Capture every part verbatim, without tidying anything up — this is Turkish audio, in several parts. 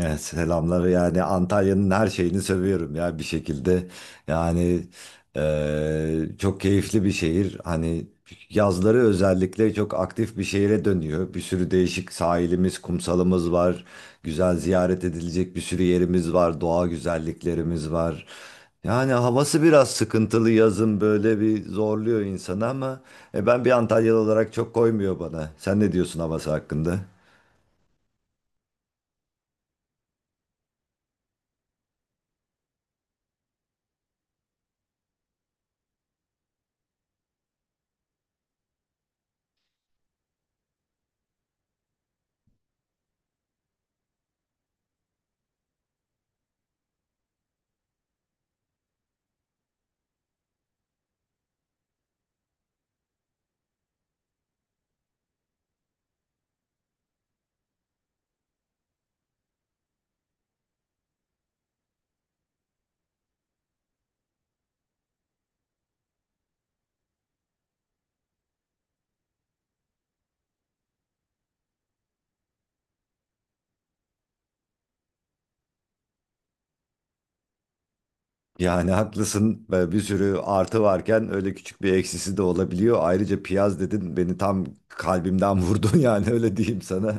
Evet, selamları yani Antalya'nın her şeyini seviyorum ya bir şekilde. Yani eee, çok keyifli bir şehir. Hani yazları özellikle çok aktif bir şehire dönüyor. Bir sürü değişik sahilimiz, kumsalımız var. Güzel ziyaret edilecek bir sürü yerimiz var. Doğa güzelliklerimiz var. Yani havası biraz sıkıntılı yazın böyle bir zorluyor insanı ama e, ben bir Antalyalı olarak çok koymuyor bana. Sen ne diyorsun havası hakkında? Yani haklısın ve bir sürü artı varken öyle küçük bir eksisi de olabiliyor. Ayrıca piyaz dedin beni tam kalbimden vurdun yani öyle diyeyim sana.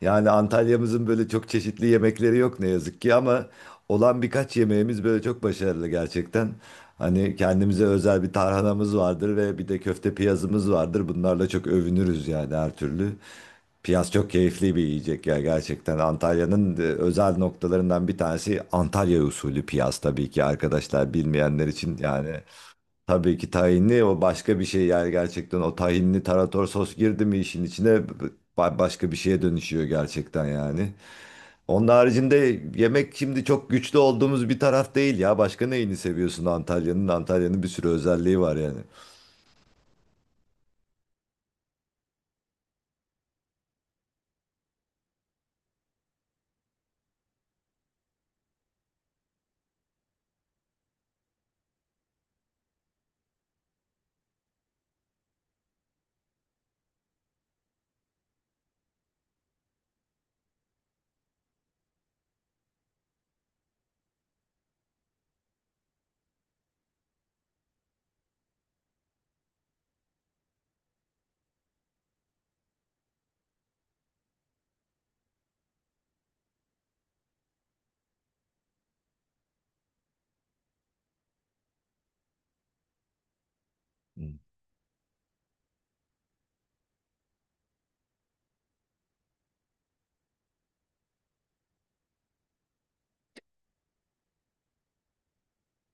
Yani Antalya'mızın böyle çok çeşitli yemekleri yok ne yazık ki ama olan birkaç yemeğimiz böyle çok başarılı gerçekten. Hani kendimize özel bir tarhanamız vardır ve bir de köfte piyazımız vardır. Bunlarla çok övünürüz yani her türlü. Piyaz çok keyifli bir yiyecek ya gerçekten. Antalya'nın e, özel noktalarından bir tanesi Antalya usulü piyaz, tabii ki arkadaşlar bilmeyenler için yani. Tabii ki tahinli o başka bir şey yani, gerçekten o tahinli tarator sos girdi mi işin içine ba- başka bir şeye dönüşüyor gerçekten yani. Onun haricinde yemek şimdi çok güçlü olduğumuz bir taraf değil ya. Başka neyini seviyorsun Antalya'nın? Antalya'nın bir sürü özelliği var yani.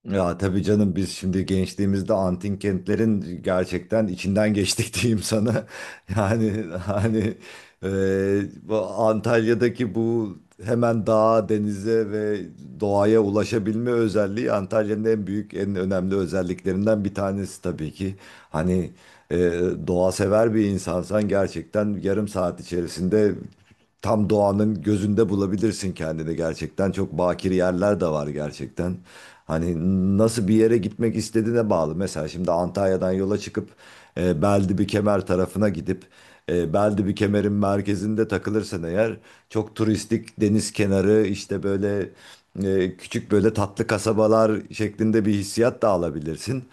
Ya tabii canım, biz şimdi gençliğimizde antin kentlerin gerçekten içinden geçtik diyeyim sana. Yani hani e, bu Antalya'daki bu hemen dağa, denize ve doğaya ulaşabilme özelliği Antalya'nın en büyük, en önemli özelliklerinden bir tanesi tabii ki. Hani e, doğa sever bir insansan gerçekten yarım saat içerisinde tam doğanın gözünde bulabilirsin kendini gerçekten. Çok bakir yerler de var gerçekten. Hani nasıl bir yere gitmek istediğine bağlı. Mesela şimdi Antalya'dan yola çıkıp e, Beldibi Kemer tarafına gidip e, Beldibi Kemer'in merkezinde takılırsan eğer çok turistik deniz kenarı, işte böyle e, küçük böyle tatlı kasabalar şeklinde bir hissiyat da alabilirsin.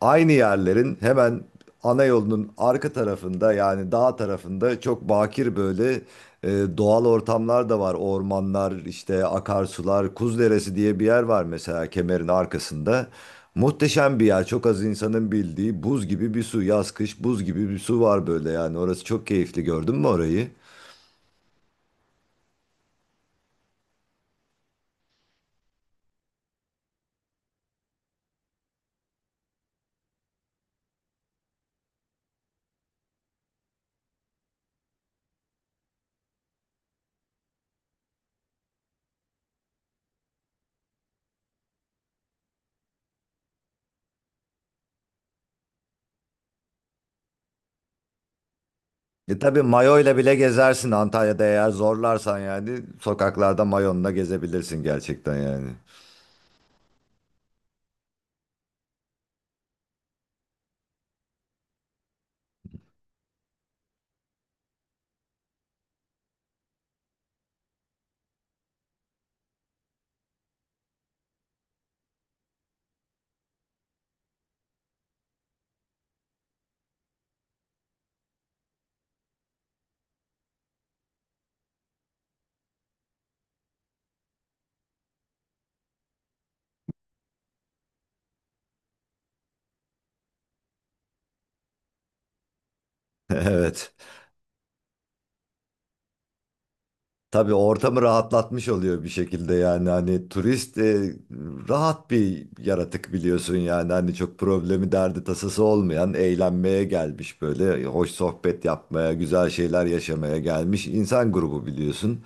Aynı yerlerin hemen ana yolunun arka tarafında, yani dağ tarafında çok bakir böyle e, doğal ortamlar da var. Ormanlar, işte akarsular, Kuz Deresi diye bir yer var mesela kemerin arkasında. Muhteşem bir yer. Çok az insanın bildiği buz gibi bir su. Yaz kış buz gibi bir su var böyle yani. Orası çok keyifli. Gördün mü orayı? E tabii mayoyla bile gezersin Antalya'da eğer zorlarsan yani, sokaklarda mayonla gezebilirsin gerçekten yani. Evet. Tabii ortamı rahatlatmış oluyor bir şekilde, yani hani turist e, rahat bir yaratık biliyorsun, yani hani çok problemi derdi tasası olmayan, eğlenmeye gelmiş, böyle hoş sohbet yapmaya, güzel şeyler yaşamaya gelmiş insan grubu biliyorsun.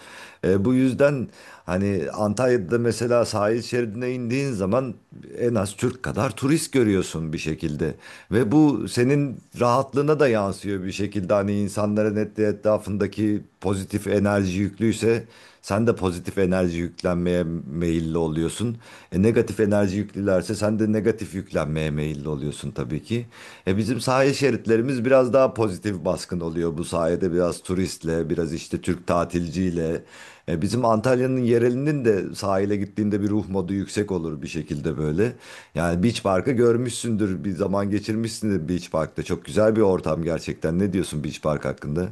E, bu yüzden hani Antalya'da mesela sahil şeridine indiğin zaman en az Türk kadar turist görüyorsun bir şekilde. Ve bu senin rahatlığına da yansıyor bir şekilde. Hani insanların et- etrafındaki pozitif enerji yüklüyse sen de pozitif enerji yüklenmeye meyilli oluyorsun. E, negatif enerji yüklülerse sen de negatif yüklenmeye meyilli oluyorsun tabii ki. E, bizim sahil şeritlerimiz biraz daha pozitif baskın oluyor bu sayede, biraz turistle, biraz işte Türk tatilciyle. E, bizim Antalya'nın yerelinin de sahile gittiğinde bir ruh modu yüksek olur bir şekilde böyle. Yani Beach Park'ı görmüşsündür, bir zaman geçirmişsindir Beach Park'ta. Çok güzel bir ortam gerçekten. Ne diyorsun Beach Park hakkında?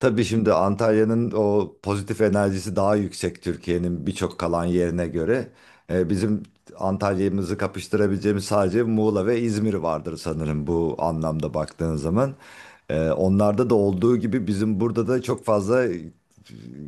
Tabii şimdi Antalya'nın o pozitif enerjisi daha yüksek Türkiye'nin birçok kalan yerine göre. Ee, bizim Antalya'mızı kapıştırabileceğimiz sadece Muğla ve İzmir vardır sanırım bu anlamda baktığın zaman. Ee, onlarda da olduğu gibi bizim burada da çok fazla e,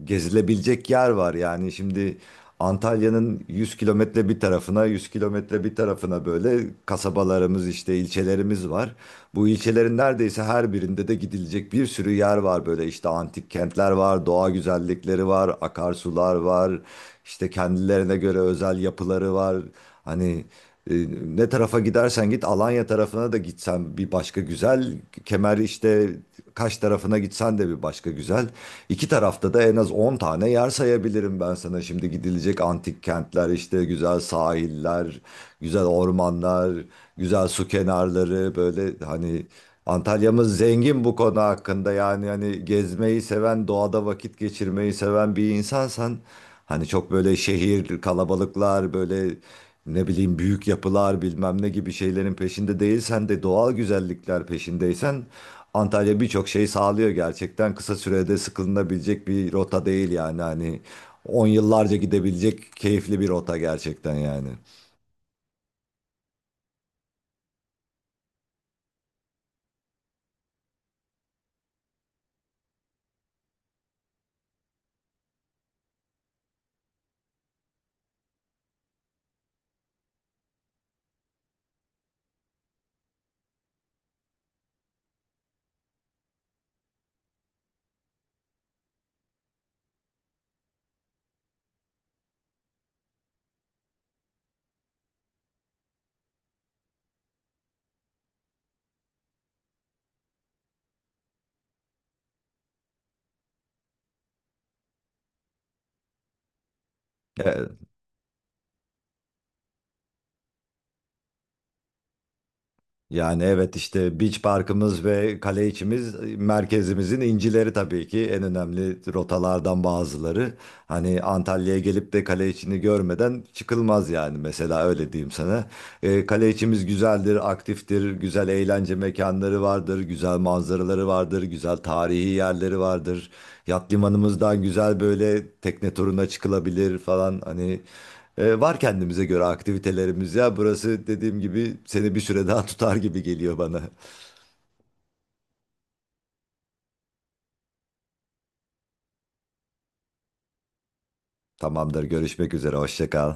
gezilebilecek yer var. Yani şimdi Antalya'nın yüz kilometre bir tarafına, yüz kilometre bir tarafına böyle kasabalarımız, işte ilçelerimiz var. Bu ilçelerin neredeyse her birinde de gidilecek bir sürü yer var, böyle işte antik kentler var, doğa güzellikleri var, akarsular var, işte kendilerine göre özel yapıları var. Hani e, ne tarafa gidersen git, Alanya tarafına da gitsen bir başka güzel. Kemer, işte Kaş tarafına gitsen de bir başka güzel. İki tarafta da en az on tane yer sayabilirim ben sana. Şimdi gidilecek antik kentler, işte güzel sahiller, güzel ormanlar, güzel su kenarları, böyle hani Antalya'mız zengin bu konu hakkında. Yani hani gezmeyi seven, doğada vakit geçirmeyi seven bir insansan, hani çok böyle şehir, kalabalıklar, böyle ne bileyim büyük yapılar bilmem ne gibi şeylerin peşinde değilsen de doğal güzellikler peşindeysen Antalya birçok şey sağlıyor gerçekten. Kısa sürede sıkılınabilecek bir rota değil yani, hani on yıllarca gidebilecek keyifli bir rota gerçekten yani. E, Yani evet, işte Beach Park'ımız ve kale içimiz merkezimizin incileri, tabii ki en önemli rotalardan bazıları. Hani Antalya'ya gelip de kale içini görmeden çıkılmaz yani, mesela öyle diyeyim sana. E, kale içimiz güzeldir, aktiftir, güzel eğlence mekanları vardır, güzel manzaraları vardır, güzel tarihi yerleri vardır. Yat limanımızdan güzel böyle tekne turuna çıkılabilir falan, hani e, var kendimize göre aktivitelerimiz ya. Burası dediğim gibi seni bir süre daha tutar gibi geliyor bana. Tamamdır, görüşmek üzere, hoşça kal.